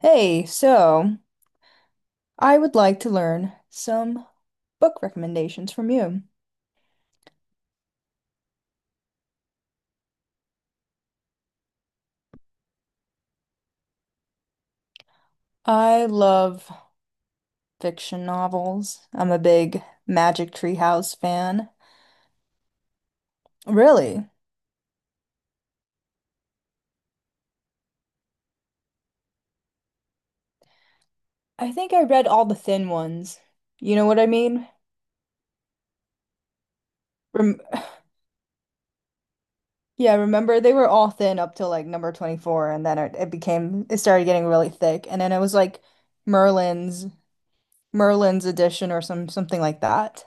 Hey, so I would like to learn some book recommendations from you. I love fiction novels. I'm a big Magic Tree House fan. Really? I think I read all the thin ones. You know what I mean? Rem Yeah, remember they were all thin up till like number 24, and then it started getting really thick, and then it was like Merlin's Merlin's edition or something like that.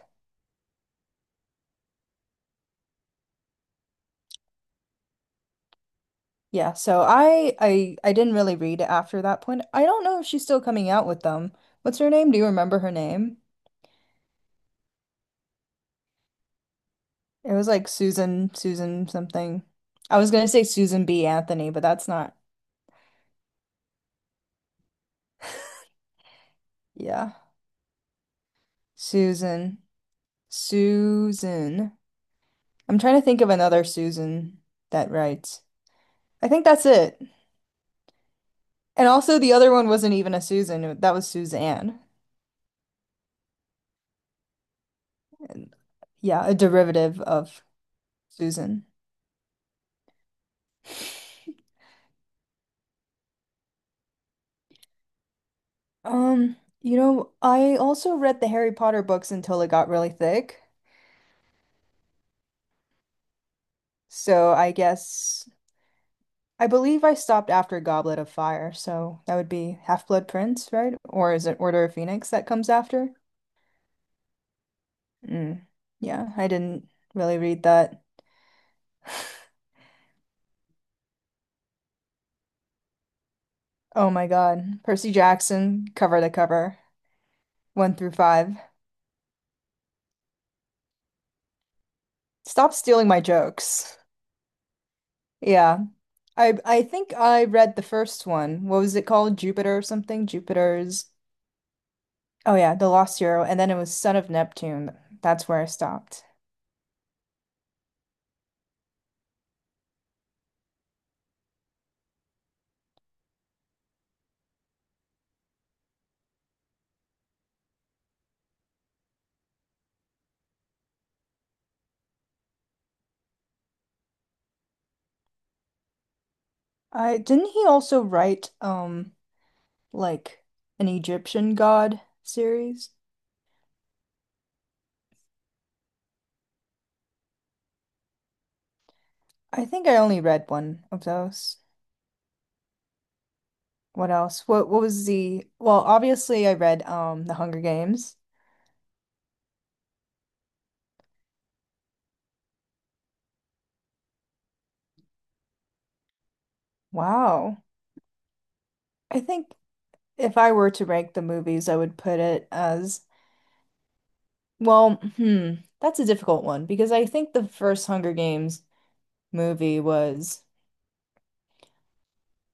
Yeah, so I didn't really read it after that point. I don't know if she's still coming out with them. What's her name? Do you remember her name? It was like Susan, something. I was gonna say Susan B. Anthony, but that's not. Yeah. Susan. Susan. I'm trying to think of another Susan that writes. I think that's it. And also the other one wasn't even a Susan, that was Suzanne. And yeah, a derivative of Susan. You know, I also read the Harry Potter books until it got really thick. So I guess I believe I stopped after Goblet of Fire, so that would be Half-Blood Prince, right? Or is it Order of Phoenix that comes after? Mm. Yeah, I didn't really read that. Oh my God. Percy Jackson, cover to cover, one through five. Stop stealing my jokes. Yeah. I think I read the first one. What was it called? Jupiter or something? Jupiter's Oh yeah, The Lost Hero, and then it was Son of Neptune. That's where I stopped. I didn't He also write like an Egyptian god series? I think I only read one of those. What else? What was the well, obviously I read The Hunger Games. Wow. I think if I were to rank the movies, I would put it as well, that's a difficult one because I think the first Hunger Games movie was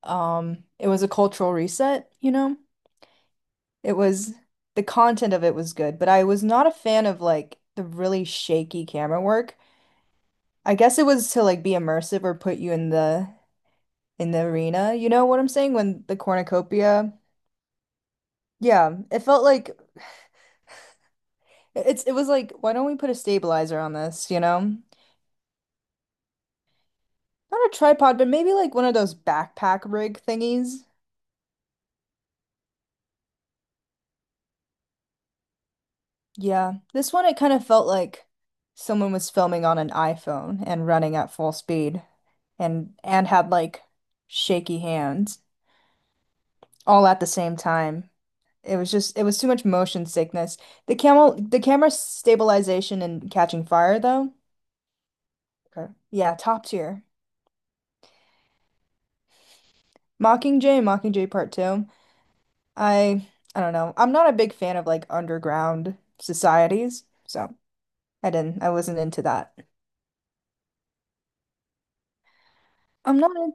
it was a cultural reset, you know? It was The content of it was good, but I was not a fan of like the really shaky camera work. I guess it was to like be immersive or put you in the arena. You know what I'm saying? When the cornucopia, yeah, it felt like it was like, why don't we put a stabilizer on this, you know? Not a tripod, but maybe like one of those backpack rig thingies. Yeah. This one it kind of felt like someone was filming on an iPhone and running at full speed, and had like shaky hands, all at the same time. It was too much motion sickness. The camera stabilization and catching fire though. Okay. Yeah, top tier. Mockingjay, Mockingjay Part 2. I I don't know. I'm not a big fan of like underground societies, so I wasn't into that. I'm not in,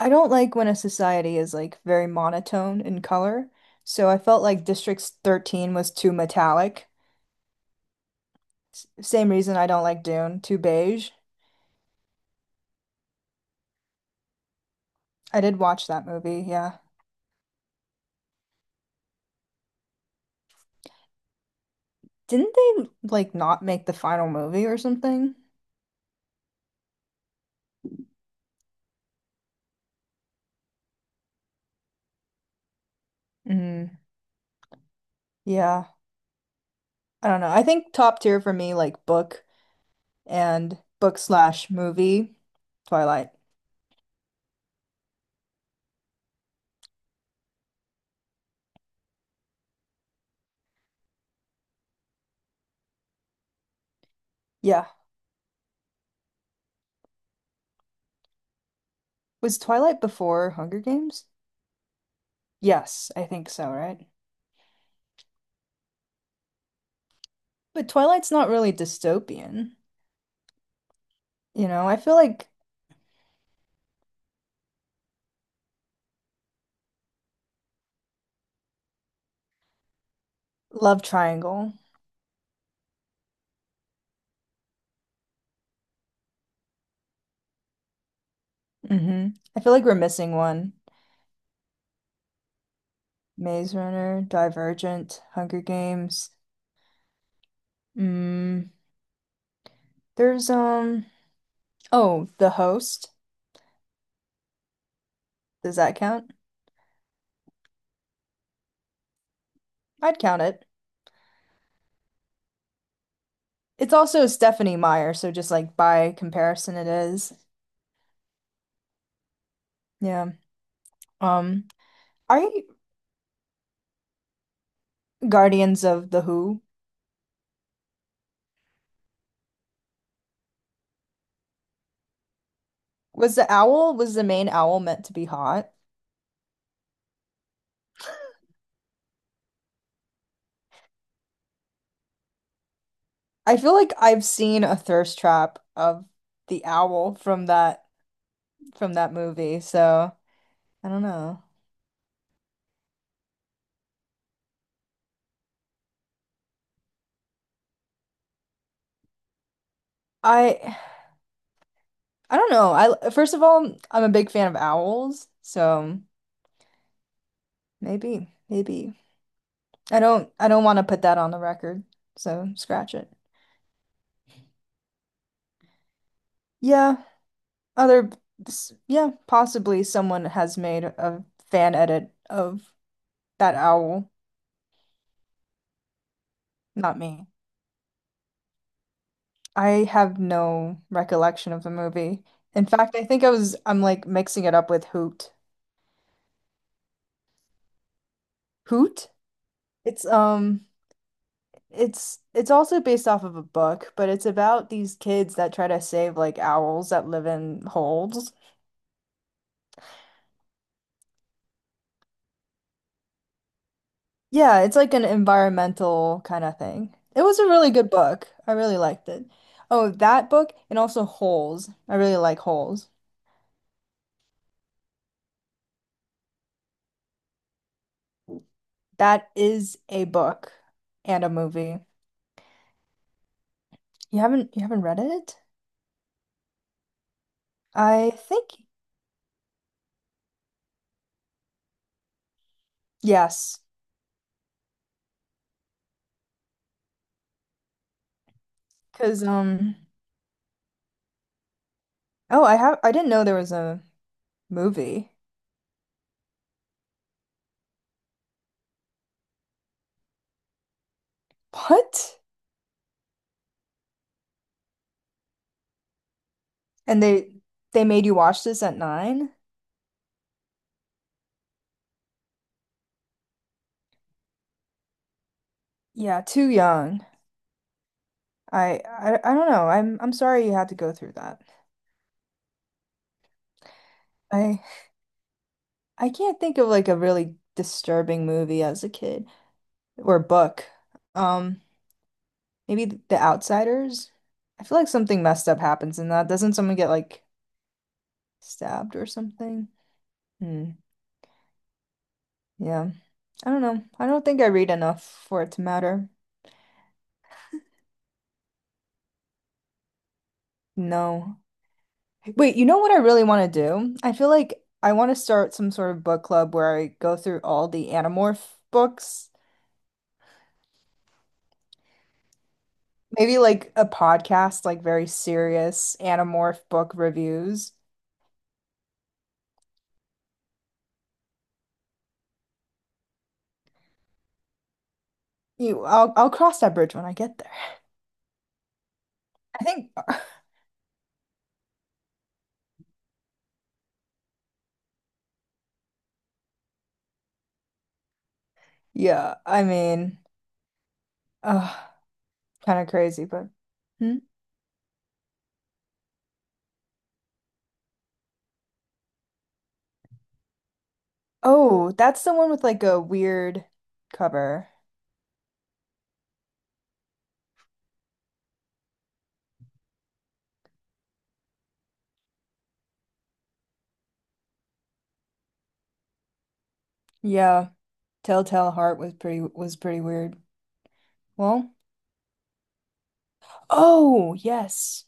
I don't like when a society is like very monotone in color. So I felt like District 13 was too metallic. Same reason I don't like Dune, too beige. I did watch that movie, yeah. Didn't they like not make the final movie or something? Mm, yeah, I don't know. I think top tier for me, like book and book slash movie, Twilight. Yeah. Was Twilight before Hunger Games? Yes, I think so, right? But Twilight's not really dystopian. You know, I feel like love triangle. Hmm. I feel like we're missing one. Maze Runner, Divergent, Hunger Games. Mm, there's oh, The Host. Does that count? I'd count it. It's also Stephanie Meyer, so just like by comparison, it is. Yeah. Um, are you Guardians of the Who? Was the owl, was the main owl meant to be hot? I feel like I've seen a thirst trap of the owl from that movie, so I don't know. I I don't know. I first of all, I'm a big fan of owls, so maybe, maybe. I don't want to put that on the record, so scratch it. Yeah. Other, yeah, possibly someone has made a fan edit of that owl, not me. I have no recollection of the movie. In fact, I think I was I'm like mixing it up with Hoot. Hoot? It's um it's also based off of a book, but it's about these kids that try to save like owls that live in holes. Yeah, it's like an environmental kind of thing. It was a really good book. I really liked it. Oh, that book and also Holes. I really like Holes. That is a book and a movie. You haven't read it? I think yes. Cause um Oh, I have I didn't know there was a movie. What? And they made you watch this at nine? Yeah, too young. I don't know. I'm sorry you had to go through that. I. I can't think of like a really disturbing movie as a kid or book. Um, Maybe The Outsiders. I feel like something messed up happens in that. Doesn't someone get like stabbed or something? Hmm. Yeah. I don't know. I don't think I read enough for it to matter. No. Wait, you know what I really want to do? I feel like I want to start some sort of book club where I go through all the Animorph books. Maybe like a podcast, like very serious Animorph book reviews. You, I'll cross that bridge when I get there. I think, yeah, I mean, uh, kind of crazy, but hmm? Oh, that's the one with like a weird cover. Yeah, Telltale Heart was pretty weird. Well, oh, yes.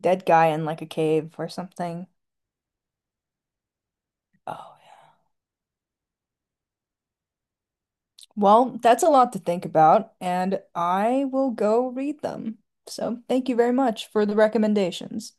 Dead guy in like a cave or something. Oh, yeah. Well, that's a lot to think about, and I will go read them. So, thank you very much for the recommendations.